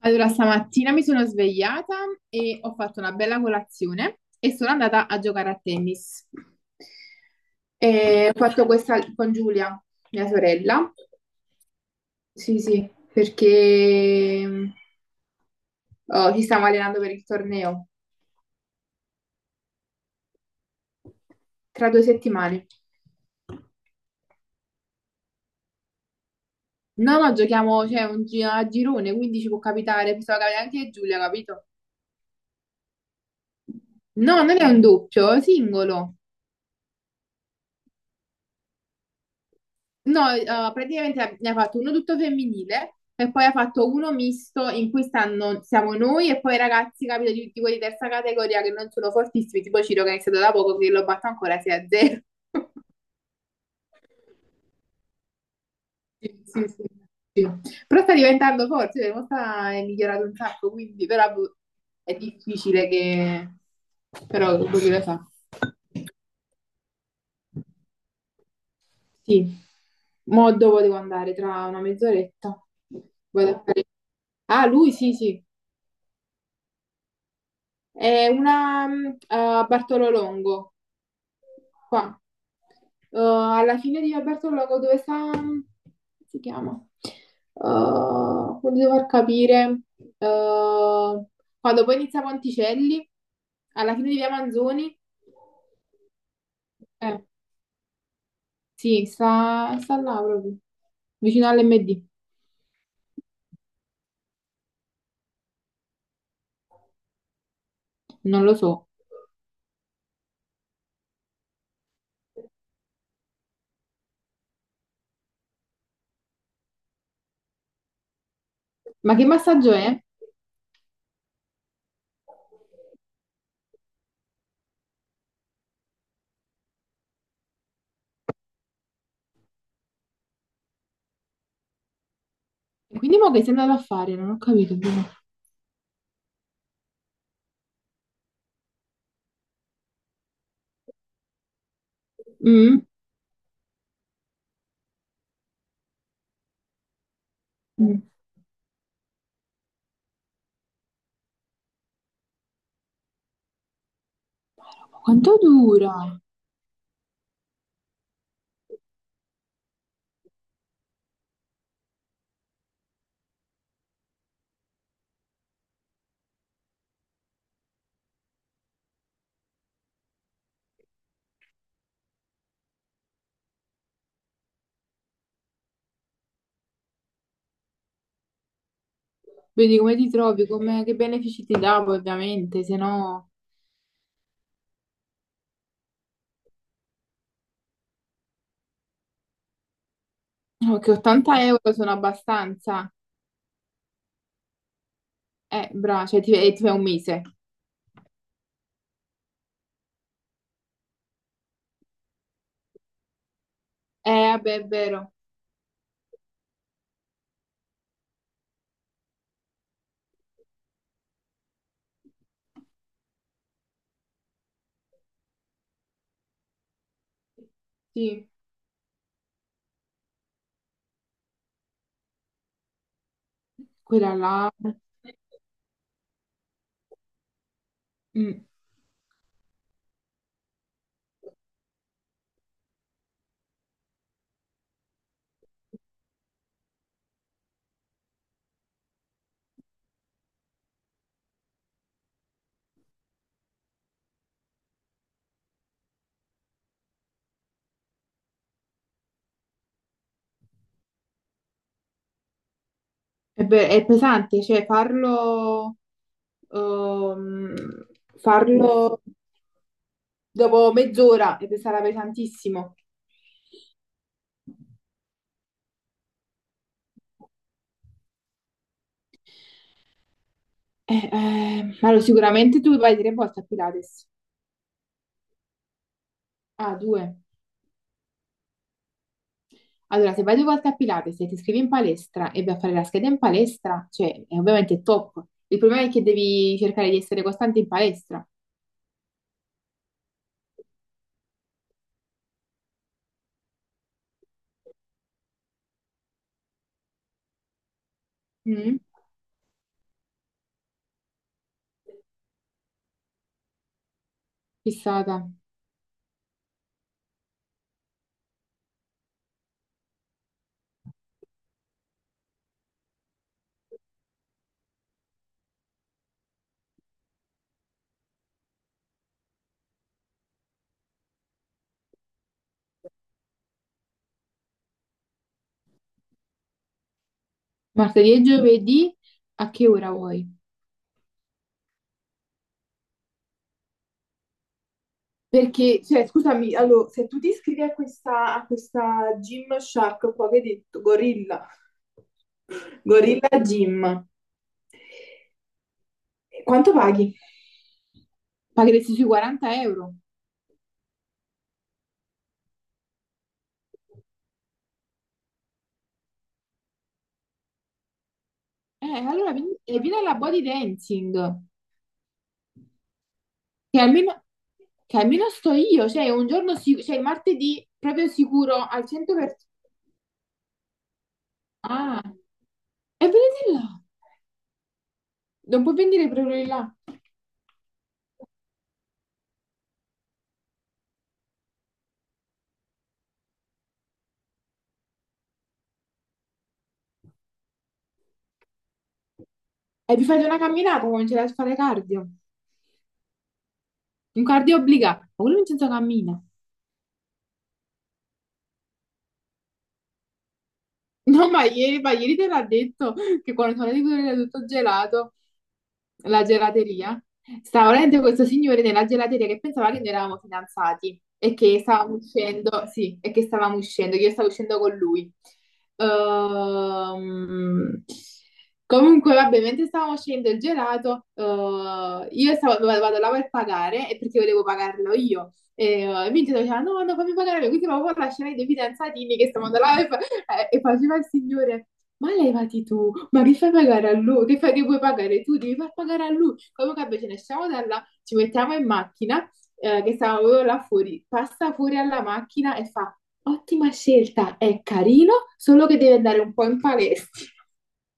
Allora, stamattina mi sono svegliata e ho fatto una bella colazione e sono andata a giocare a tennis. E ho fatto questa con Giulia, mia sorella. Sì, sì, perché oh, ci stiamo allenando per il torneo tra 2 settimane. No, no, giochiamo, cioè, a girone, quindi ci può capitare, poteva capitare anche a Giulia, capito? No, non è un doppio, è singolo. No, praticamente ne ha fatto uno tutto femminile e poi ha fatto uno misto in cui stanno, siamo noi e poi i ragazzi, capito, di quelli di 3ª categoria che non sono fortissimi, tipo Ciro che è iniziato da poco, che lo batto ancora 6-0. Sì, sì, sì, sì. Però sta diventando forte, cioè, mo sta è migliorato un sacco, quindi però boh, è difficile che... però boh, chi lo sa. Sì, mo dove devo andare? Tra una mezz'oretta. Vado a fare- Ah, lui sì, sì. È una a Bartolo Longo, qua. Alla fine di via Bartolo Longo, dove sta... come si chiama? Voglio far capire. eh, quando poi inizia Ponticelli, alla fine di via Manzoni, eh, sì, sta là proprio, vicino all'MD. Non lo so. Ma che massaggio è? Quindi mo che sei andato a fare? Non ho capito. Però. Mm? Mm. Quanto dura? Vedi come ti trovi, come- che benefici ti dà poi, ovviamente, se no... no, che 80 euro sono abbastanza. Bravo, cioè ti, e ti fai un mese. Vabbè, è vero. Sì, quella là... mm, è, è pesante, cioè farlo... ehm, farlo dopo mezz'ora e sarà pesantissimo. Allora, sicuramente tu vai 3 volte a Pilates. Ah, due. Allora, se vai 2 volte a Pilates e ti iscrivi in palestra e vai a fare la scheda in palestra, cioè, è ovviamente top. Il problema è che devi cercare di essere costante in palestra. Mm, fissata. Martedì e giovedì, a che ora vuoi? Perché, cioè, scusami, allora, se tu ti iscrivi a questa Gymshark qua che hai detto, Gorilla, Gorilla Gym, quanto paghi? Pagheresti sui 40 euro. Allora vieni, e vieni alla body dancing. Che almeno, che almeno sto io, cioè un giorno sicuro, cioè il martedì proprio sicuro al 100%. Ah, e venite là, non puoi venire proprio di là. E vi fate una camminata, cominciate a fare cardio. Un cardio obbligato, ma quello non senza cammina. No, ma ieri te l'ha detto che quando sono di quello era tutto gelato. La gelateria? Stava veramente questo signore nella gelateria che pensava che noi eravamo fidanzati e che stavamo uscendo, sì, che io stavo uscendo con lui. Ehm, comunque, vabbè, mentre stavamo uscendo il gelato, io stavo, vado là per pagare e perché volevo pagarlo io. E e mi diceva, no, no, fammi pagare, io, quindi proprio lascerai dei fidanzatini che stavano là e e faceva il signore. Ma levati tu, ma li fai pagare a lui, che fai che vuoi pagare tu? Devi far pagare a lui. Comunque vabbè, ce ne stiamo da là, ci mettiamo in macchina, che stavo proprio là fuori, passa fuori alla macchina e fa, ottima scelta, è carino, solo che deve andare un po' in palestra.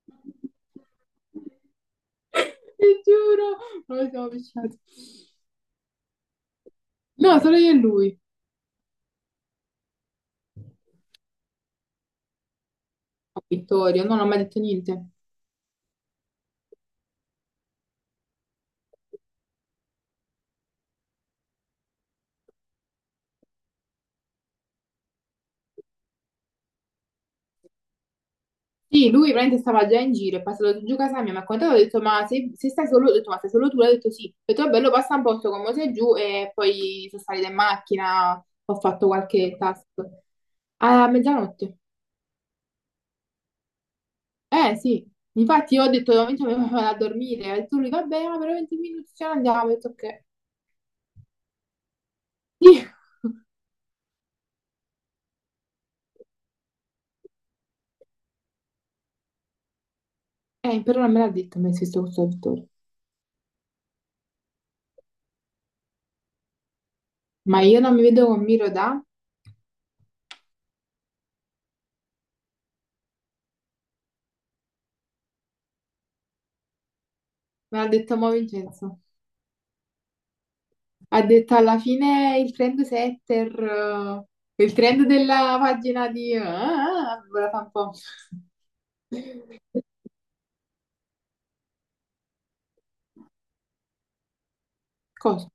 Ti giuro, non lo siamo avvicinati. No, solo io e lui. A Vittorio, no, non mi ha mai detto niente. Sì, lui veramente stava già in giro, è passato giù casa mia, mi ha contato, ho detto, ma se, se stai solo, ho detto, ma sei solo tu? L'ha detto sì. Ho detto, bello, passa un posto con me sei giù e poi sono salita in macchina, ho fatto qualche task. A mezzanotte. Eh sì, infatti io ho detto, momento mi vado a dormire, ha detto lui, vabbè, ma per 20 minuti ce ne andiamo, ho detto, ok. Sì. Però non me l'ha detto, mi ha visto questo dottore. Ma io non mi vedo con Miro da, me l'ha detto mo Vincenzo. Ha detto alla fine il trend setter, il trend della pagina di... Ah, ora fa un po'... Cosa?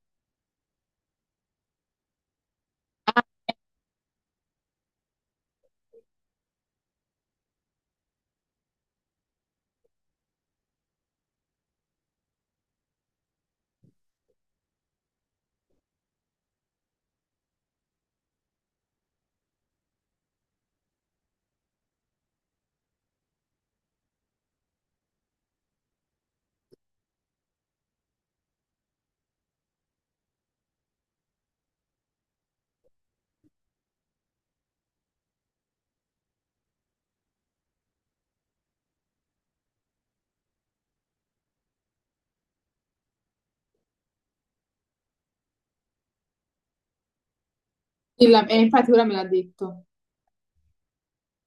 E infatti ora me l'ha detto.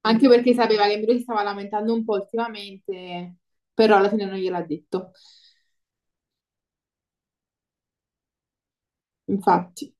Anche perché sapeva che lui si stava lamentando un po' ultimamente, però alla fine non gliel'ha detto. Infatti.